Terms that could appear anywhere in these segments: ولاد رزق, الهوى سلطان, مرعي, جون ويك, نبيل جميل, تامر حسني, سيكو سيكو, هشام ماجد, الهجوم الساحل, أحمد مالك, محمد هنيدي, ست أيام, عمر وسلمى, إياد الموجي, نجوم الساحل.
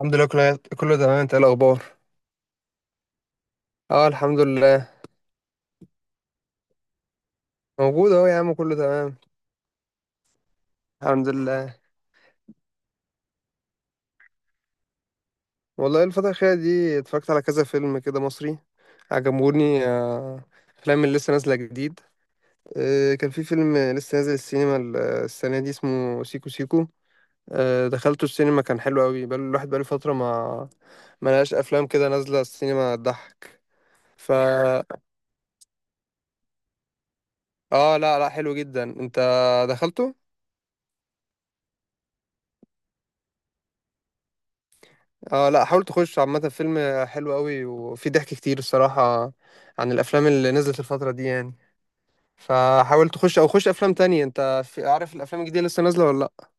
الحمد لله، كله تمام. انت ايه الاخبار؟ اه الحمد لله. موجود اهو يا عم، كله تمام. الحمد لله. والله الفتره الاخيره دي اتفرجت على كذا فيلم كده مصري عجبوني، افلام اللي لسه نازله جديد. كان في فيلم لسه نازل السينما السنه دي اسمه سيكو سيكو. دخلته السينما، كان حلو قوي. بقى الواحد بقاله فتره ما لقاش افلام كده نازله السينما تضحك. ف اه، لا حلو جدا. انت دخلته؟ اه لا، حاول تخش. عامة فيلم حلو قوي وفي ضحك كتير الصراحة عن الأفلام اللي نزلت الفترة دي يعني. فحاول تخش أو خش أفلام تانية. أنت في عارف الأفلام الجديدة لسه نازلة ولا لأ؟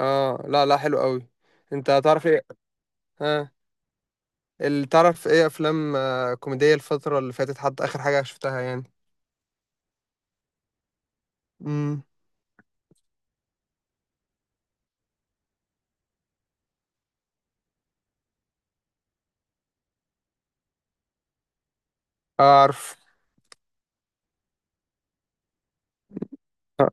اه لا حلو قوي. أنت تعرف إيه؟ اه، تعرف إيه أفلام كوميدية الفترة اللي فاتت، حتى آخر حاجة شفتها يعني؟ امم أعرف. آه،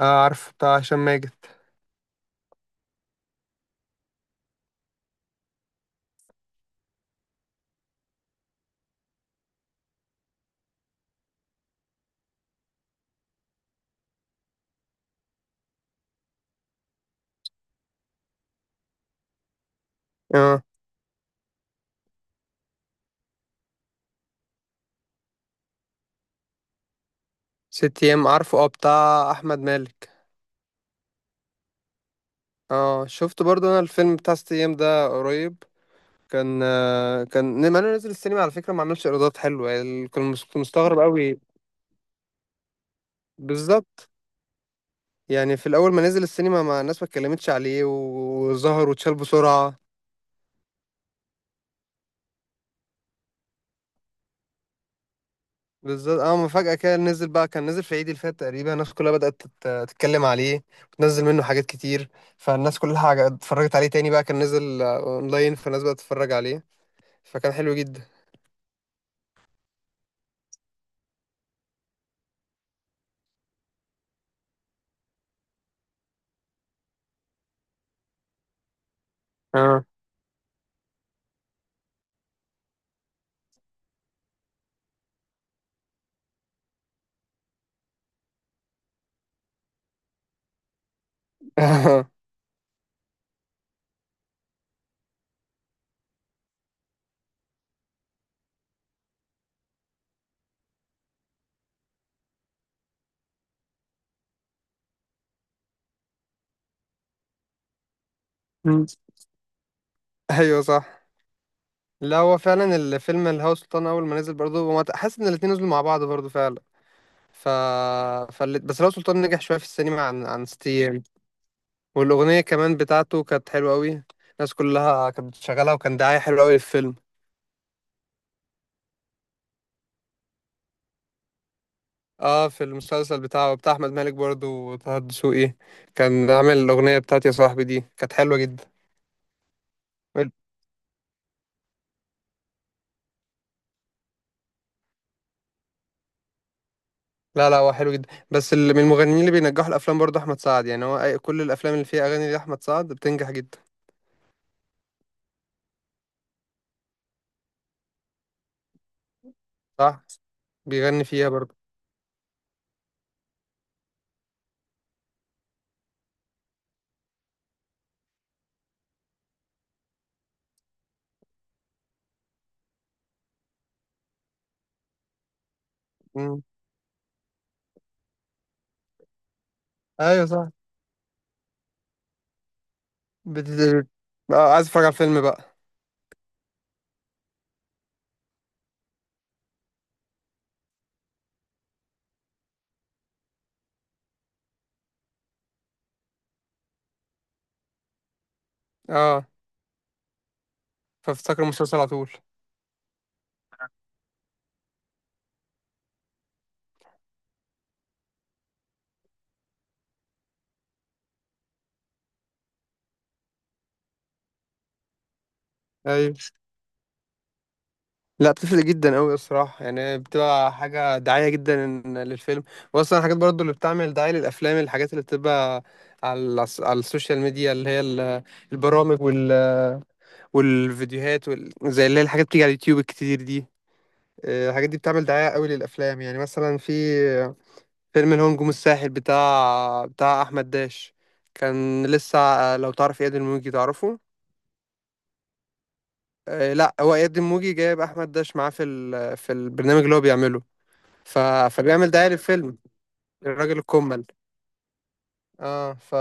أعرف بتاع هشام ماجد. اه ست أيام، عارفه، اه بتاع أحمد مالك. اه شفت برضو أنا الفيلم بتاع ست أيام ده قريب. كان كان لما انا نزل السينما على فكره ما عملش ايرادات حلوه يعني، كان كنت مستغرب قوي. بالظبط. يعني في الاول ما نزل السينما ما الناس ما اتكلمتش عليه وظهر واتشال بسرعه. بالظبط. اه، ما فجاه كده نزل بقى، كان نزل في عيد اللي فات تقريبا، الناس كلها بدات تتكلم عليه وتنزل منه حاجات كتير. فالناس كلها اتفرجت عليه تاني بقى، كان نزل اونلاين، فالناس بدات تتفرج عليه، فكان حلو جدا. اه. مم. ايوه صح. لا هو فعلا الفيلم الهوى سلطان اول ما نزل برضه، هو حاسس ان الاتنين نزلوا مع بعض برضه فعلا. ف... بس الهوى سلطان نجح شويه في السينما عن ست ايام. والاغنيه كمان بتاعته كانت حلوه قوي، الناس كلها كانت بتشغلها، وكان دعايه حلوه قوي للفيلم. اه، في المسلسل بتاعه بتاع احمد مالك برضه وطه الدسوقي، كان عامل الاغنيه بتاعت يا صاحبي دي، كانت حلوه جدا. لا لا، هو حلو جدا، بس اللي من المغنيين اللي بينجحوا الافلام برضه احمد سعد، يعني هو كل الافلام اللي فيها اغاني لاحمد سعد بتنجح جدا. صح، بيغني فيها برضه. ايوه صح. بت... بت- اه، عايز اتفرج على الفيلم بقى. اه، فافتكر المسلسل على طول. ايوه. لا بتفرق جدا قوي الصراحه، يعني بتبقى حاجه دعايه جدا للفيلم. واصلا الحاجات برضو اللي بتعمل دعايه للافلام، الحاجات اللي بتبقى على على السوشيال ميديا، اللي هي البرامج والفيديوهات زي اللي هي الحاجات بتيجي على اليوتيوب الكتير دي. الحاجات دي بتعمل دعايه قوي للافلام. يعني مثلا في فيلم الهجوم الساحل بتاع احمد داش، كان لسه لو تعرف اياد الموجي، تعرفه؟ لا، هو اياد الموجي جايب احمد داش معاه في في البرنامج اللي هو بيعمله، ف... فبيعمل دعاية للفيلم. الراجل الكمل. اه،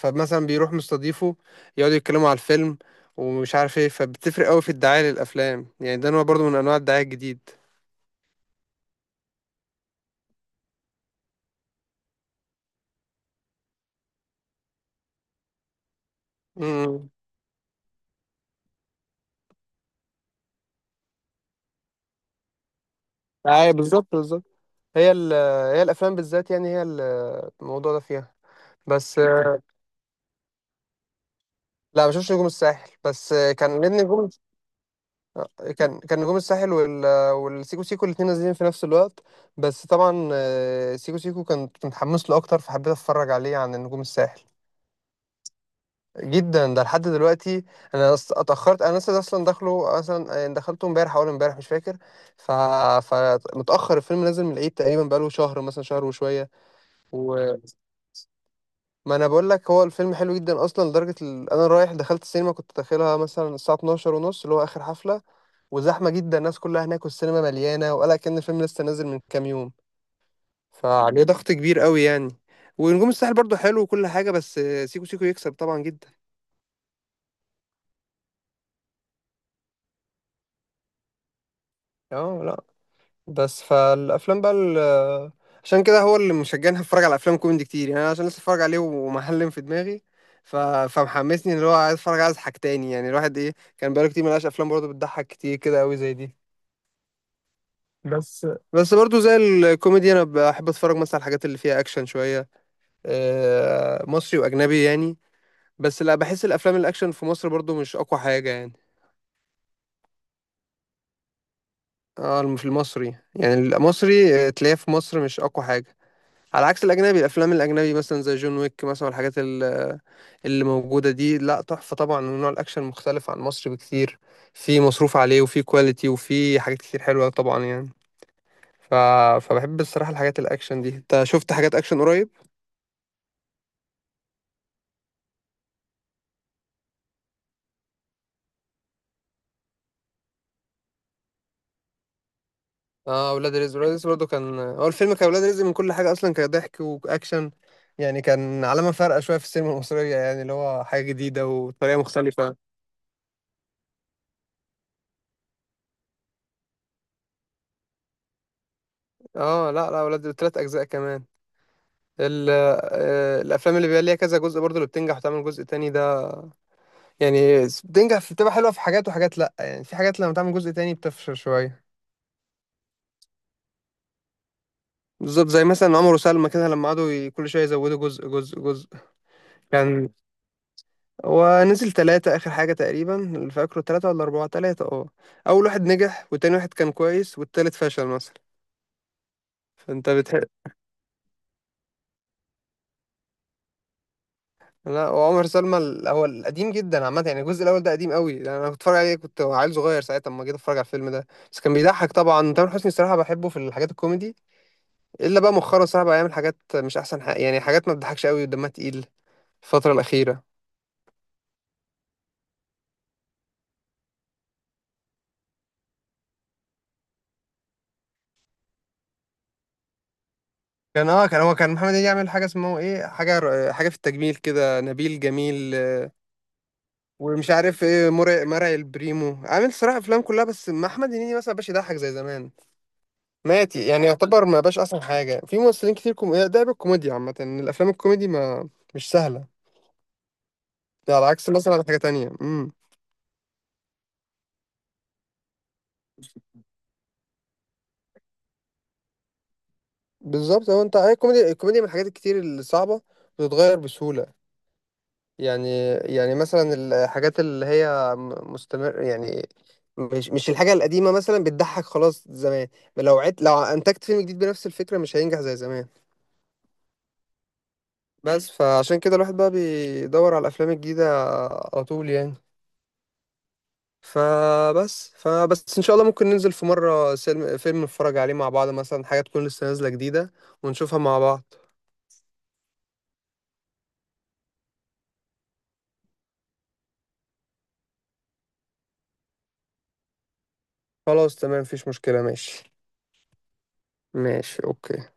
فمثلا بيروح مستضيفه يقعدوا يتكلموا على الفيلم، ومش عارف ايه. فبتفرق قوي في الدعاية للافلام، يعني ده نوع برضه من انواع الدعاية الجديد. امم ايوه بالظبط، بالظبط. هي ال... هي الافلام بالذات يعني، الموضوع ده فيها. بس لا، ما بشوفش نجوم الساحل. بس كان نادي نجوم. كان نجوم الساحل والسيكو سيكو الاثنين نازلين في نفس الوقت، بس طبعا سيكو سيكو كنت متحمس له اكتر، فحبيت اتفرج عليه عن نجوم الساحل. جدا، ده لحد دلوقتي. انا اتاخرت، انا لسه اصلا داخله مثلا، دخلته امبارح اول امبارح مش فاكر. ف... فمتاخر، الفيلم نازل من العيد تقريبا، بقاله شهر مثلا، شهر وشويه. وما انا بقول لك هو الفيلم حلو جدا اصلا، لدرجه انا رايح دخلت السينما، كنت داخلها مثلا الساعه 12 ونص اللي هو اخر حفله، وزحمة جدا الناس كلها هناك والسينما مليانة، وقال كأن الفيلم لسه نازل من كام يوم، فعليه ضغط كبير قوي يعني. ونجوم الساحل برضو حلو وكل حاجة، بس سيكو سيكو يكسب طبعا جدا. اه لا. بس فالأفلام بقى، عشان كده هو اللي مشجعني اتفرج على أفلام كوميدي كتير، يعني أنا عشان لسه اتفرج عليه ومعلم في دماغي، فمحمسني اللي هو عايز اتفرج على حاجة تاني، يعني الواحد ايه كان بقاله كتير ملقاش أفلام برضو بتضحك كتير كده قوي زي دي. بس بس برضو زي الكوميدي انا بحب اتفرج مثلا على الحاجات اللي فيها اكشن شوية، مصري واجنبي يعني. بس لا بحس الافلام الاكشن في مصر برضو مش اقوى حاجه يعني. اه في المصري، يعني المصري تلاقيه في مصر مش اقوى حاجه، على عكس الاجنبي. الافلام الاجنبي مثلا زي جون ويك مثلا، الحاجات اللي موجوده دي لا تحفه طبعا، ونوع الاكشن مختلف عن مصر بكتير، في مصروف عليه وفي كواليتي وفي حاجات كتير حلوه طبعا يعني. ف... فبحب الصراحه الحاجات الاكشن دي. انت شفت حاجات اكشن قريب؟ اه ولاد رزق. برضه كان هو الفيلم، كان ولاد رزق من كل حاجه اصلا، كضحك واكشن، يعني كان علامه فارقه شويه في السينما المصريه، يعني اللي هو حاجه جديده وطريقه مختلفه. اه لا لا، ولاد ثلاث اجزاء كمان. الافلام اللي بيبقى ليها كذا جزء برضه اللي بتنجح وتعمل جزء تاني ده، يعني بتنجح بتبقى حلوه في حاجات، وحاجات لا، يعني في حاجات لما تعمل جزء تاني بتفشل شويه. بالظبط، زي مثلا عمر وسلمى كده، لما قعدوا كل شويه يزودوا جزء جزء جزء. كان هو نزل تلاتة آخر حاجة تقريبا اللي فاكره، تلاتة ولا أربعة، تلاتة اه. أول واحد نجح، والتاني واحد كان كويس، والتالت فشل مثلا. فأنت بتحب؟ لا وعمر سلمى هو القديم جدا عامة، يعني الجزء الأول ده قديم قوي، لأن أنا كنت بتفرج عليه كنت عيل صغير ساعتها لما جيت أتفرج على الفيلم ده. بس كان بيضحك طبعا، تامر حسني الصراحة بحبه في الحاجات الكوميدي، إلا بقى مؤخرا الصراحة بقى يعمل حاجات مش أحسن حاجة، يعني حاجات ما بتضحكش قوي ودمها تقيل الفترة الأخيرة. كان اه، هو كان محمد هنيدي يعمل حاجة اسمه ايه، حاجة في التجميل كده، نبيل جميل ومش عارف ايه، مرعي البريمو. عامل صراحة افلام كلها بس مع احمد هنيدي مثلا مبقاش يضحك زي زمان، مات يعني، يعتبر ما بقاش احسن حاجة في ممثلين كتير. ده بالكوميديا عامة، ان الافلام الكوميدي ما مش سهلة. ده على عكس مثلا حاجة تانية. بالظبط. هو انت هي الكوميديا، الكوميديا من الحاجات الكتير اللي صعبة، بتتغير بسهولة. يعني مثلا الحاجات اللي هي مستمر يعني، مش الحاجة القديمة مثلا بتضحك خلاص زمان. لو عدت، لو انتجت فيلم جديد بنفس الفكرة مش هينجح زي زمان. بس فعشان كده الواحد بقى بيدور على الافلام الجديده على طول يعني. فبس ان شاء الله ممكن ننزل في مره سلم فيلم نتفرج عليه مع بعض، مثلا حاجه تكون لسه نازله جديده، ونشوفها مع بعض. خلاص تمام، مفيش مشكله، ماشي. ماشي اوكي.